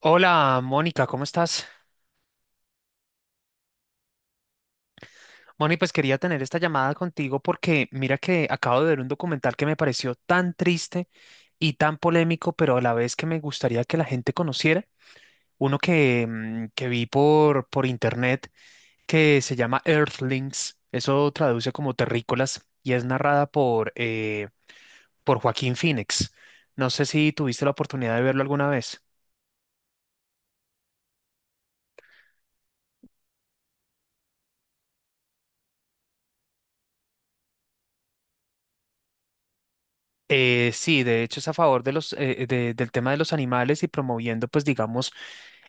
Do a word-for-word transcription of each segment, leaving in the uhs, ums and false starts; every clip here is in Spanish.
Hola, Mónica, ¿cómo estás? Mónica, pues quería tener esta llamada contigo porque mira que acabo de ver un documental que me pareció tan triste y tan polémico, pero a la vez que me gustaría que la gente conociera, uno que, mm, que vi por, por internet que se llama Earthlings, eso traduce como terrícolas y es narrada por, eh, por Joaquín Phoenix. No sé si tuviste la oportunidad de verlo alguna vez. Eh, sí, de hecho es a favor de los, eh, de- del tema de los animales y promoviendo, pues digamos,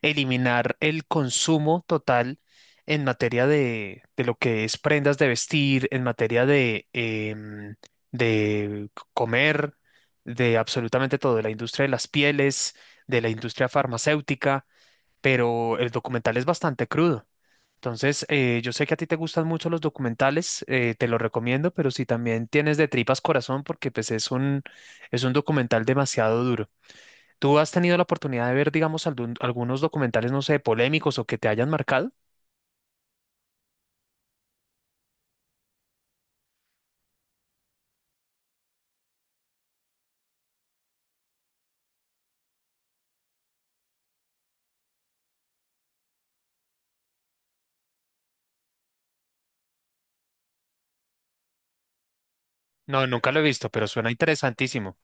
eliminar el consumo total en materia de, de lo que es prendas de vestir, en materia de, em, de comer, de absolutamente todo, de la industria de las pieles, de la industria farmacéutica, pero el documental es bastante crudo. Entonces, eh, yo sé que a ti te gustan mucho los documentales, eh, te lo recomiendo, pero si también tienes de tripas corazón, porque pues es un, es un documental demasiado duro. ¿Tú has tenido la oportunidad de ver, digamos, algún- algunos documentales, no sé, polémicos o que te hayan marcado? No, nunca lo he visto, pero suena interesantísimo.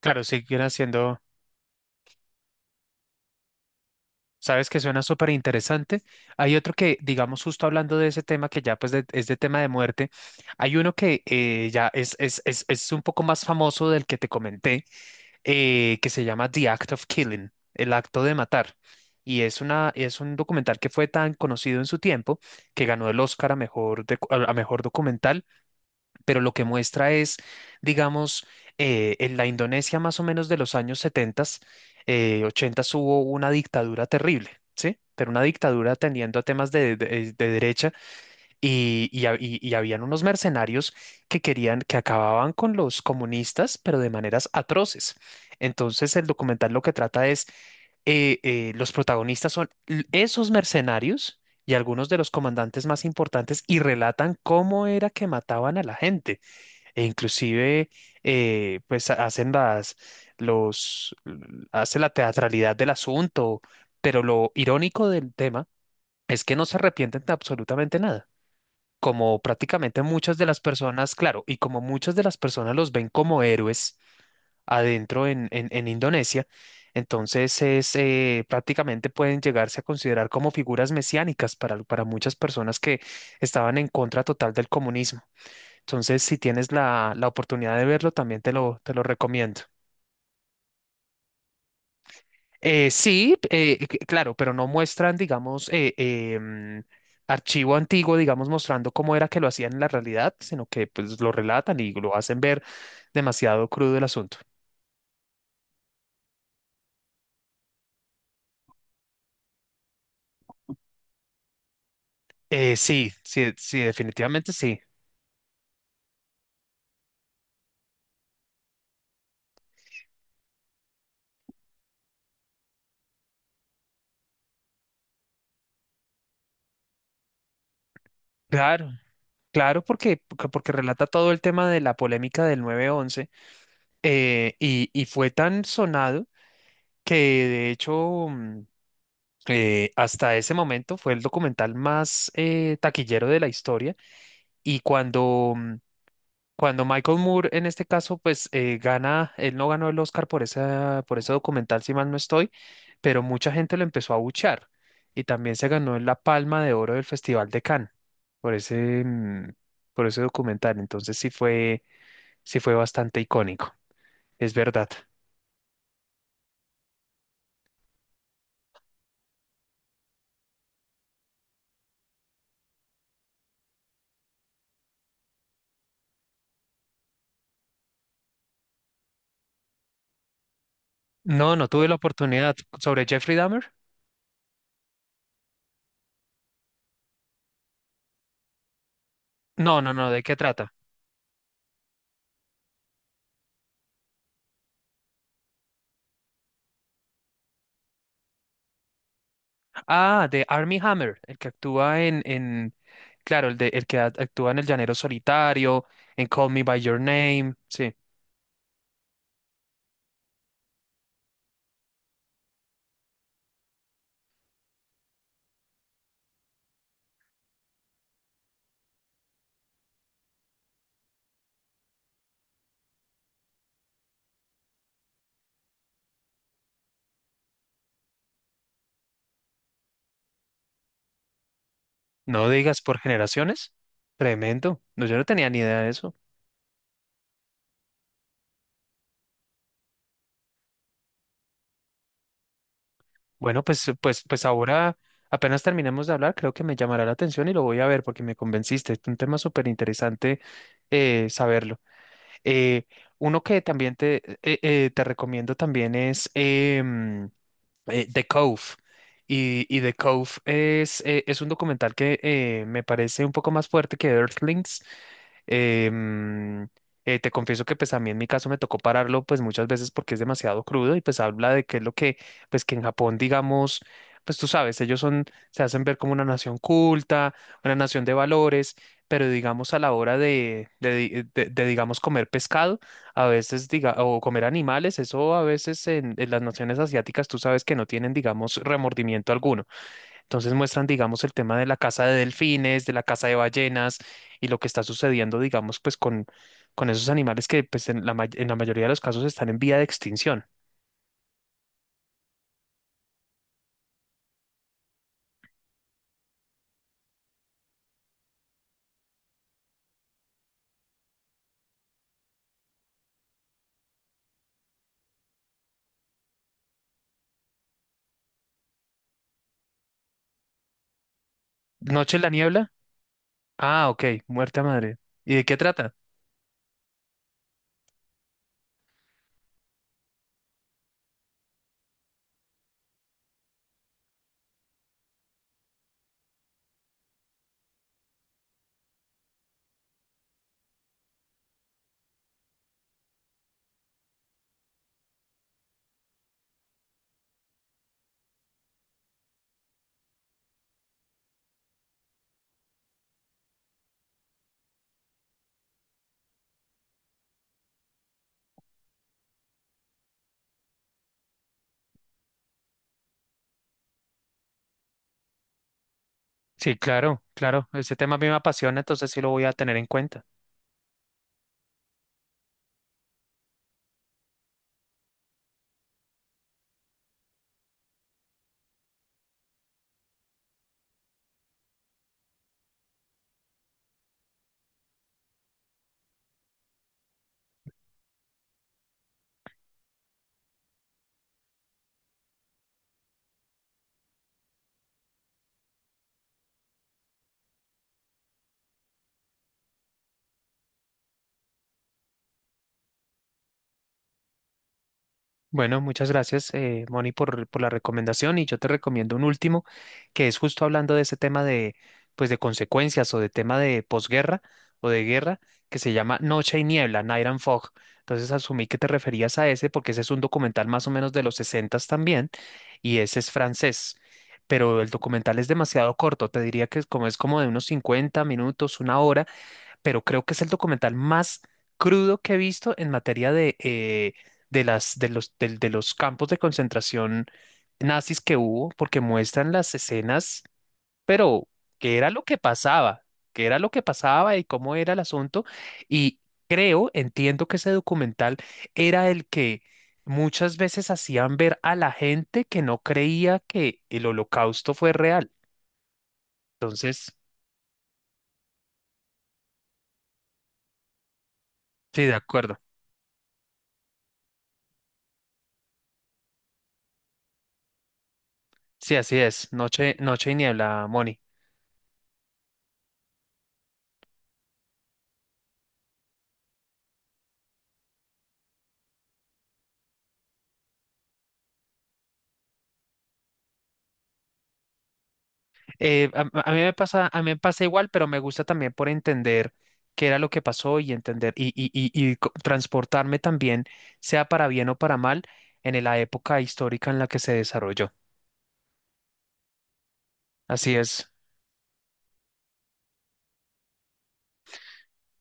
Claro, siguen haciendo. Sabes que suena súper interesante. Hay otro que, digamos, justo hablando de ese tema que ya pues de- es de tema de muerte, hay uno que eh, ya es, es, es, es un poco más famoso del que te comenté, eh, que se llama The Act of Killing, el acto de matar. Y es una, es un documental que fue tan conocido en su tiempo que ganó el Oscar a mejor, de- a mejor documental, pero lo que muestra es, digamos, eh, en la Indonesia más o menos de los años setenta, eh, ochenta hubo una dictadura terrible, ¿sí? Pero una dictadura tendiendo a temas de, de- de derecha y, y, ha- y- y habían unos mercenarios que querían, que acababan con los comunistas, pero de maneras atroces. Entonces el documental lo que trata es, eh, eh, los protagonistas son l- esos mercenarios y algunos de los comandantes más importantes y relatan cómo era que mataban a la gente. E inclusive, eh, pues ha- hacen las, los, hace la teatralidad del asunto, pero lo irónico del tema es que no se arrepienten de absolutamente nada. Como prácticamente muchas de las personas, claro, y como muchas de las personas los ven como héroes adentro en, en, en Indonesia, entonces es, eh, prácticamente pueden llegarse a considerar como figuras mesiánicas para, para muchas personas que estaban en contra total del comunismo. Entonces, si tienes la, la oportunidad de verlo, también te lo, te lo recomiendo. Eh, sí, eh, c- claro, pero no muestran, digamos, eh, eh, mm, archivo antiguo, digamos, mostrando cómo era que lo hacían en la realidad, sino que pues lo relatan y lo hacen ver demasiado crudo el asunto. Eh, sí, sí, sí, definitivamente sí. Claro, claro, porque, porque porque relata todo el tema de la polémica del nueve once. Eh, y, y fue tan sonado que de hecho... mm, eh, hasta ese momento fue el documental más eh, taquillero de la historia y cuando, mm, cuando Michael Moore en este caso pues eh, gana, él no ganó el Oscar por esa, por ese documental si mal no estoy, pero mucha gente lo empezó a abuchear y también se ganó la Palma de Oro del Festival de Cannes por ese, mm, por ese documental, entonces sí fue, sí fue bastante icónico, es verdad. No, no tuve la oportunidad sobre Jeffrey Dahmer. No, no, no, ¿de qué trata? Ah, de Armie Hammer, el que actúa en, en, claro, el de, el que act- actúa en El Llanero Solitario, en Call Me by Your Name, sí. No digas por generaciones. Tremendo. No, yo no tenía ni idea de eso. Bueno, pues, pues, pues ahora apenas terminemos de hablar, creo que me llamará la atención y lo voy a ver porque me convenciste. Es un tema súper interesante eh, saberlo. Eh, uno que también te, eh, eh, te recomiendo también es em, eh, The Cove. Y, y The Cove es, eh, es un documental que eh, me parece un poco más fuerte que Earthlings. Em, eh, te confieso que pues a mí en mi caso me tocó pararlo pues muchas veces porque es demasiado crudo y pues habla de qué es lo que pues que en Japón digamos pues tú sabes ellos son se hacen ver como una nación culta, una nación de valores, pero digamos a la hora de de, de- de, digamos comer pescado a veces, diga, o comer animales, eso a veces en, en las naciones asiáticas tú sabes que no tienen, digamos, remordimiento alguno. Entonces muestran, digamos, el tema de la caza de delfines, de la caza de ballenas y lo que está sucediendo, digamos, pues con, con esos animales que pues en la, may- en la mayoría de los casos están en vía de extinción. ¿Noche en la niebla? Ah, ok, Muerte a Madre. ¿Y de qué trata? Sí, claro, claro. Ese tema a mí me apasiona, entonces sí lo voy a tener en cuenta. Bueno, muchas gracias, eh, Moni, por, por la recomendación y yo te recomiendo un último que es justo hablando de ese tema de, pues, de consecuencias o de tema de posguerra o de guerra que se llama Noche y Niebla, Night and Fog. Entonces asumí que te referías a ese porque ese es un documental más o menos de los sesenta también y ese es francés. Pero el documental es demasiado corto, te diría que es como, es como de unos cincuenta minutos, una hora, pero creo que es el documental más crudo que he visto en materia de, eh, de las, de los, del- de los campos de concentración nazis que hubo, porque muestran las escenas, pero qué era lo que pasaba, qué era lo que pasaba y cómo era el asunto. Y creo, entiendo que ese documental era el que muchas veces hacían ver a la gente que no creía que el holocausto fue real. Entonces, sí, de acuerdo. Sí, así es. Noche, noche y niebla, Moni. Eh, a, a mí me pasa, a mí me pasa igual, pero me gusta también por entender qué era lo que pasó y entender y, y, y- y co- transportarme también, sea para bien o para mal, en la época histórica en la que se desarrolló. Así es.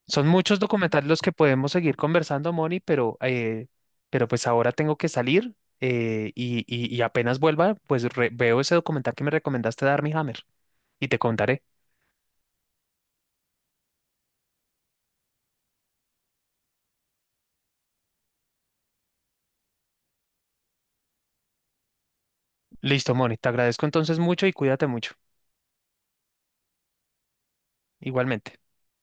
Son muchos documentales los que podemos seguir conversando, Moni, pero, eh, pero pues ahora tengo que salir eh, y, y- y apenas vuelva, pues re- veo ese documental que me recomendaste de Armie Hammer y te contaré. Listo, Moni, te agradezco entonces mucho y cuídate mucho. Igualmente.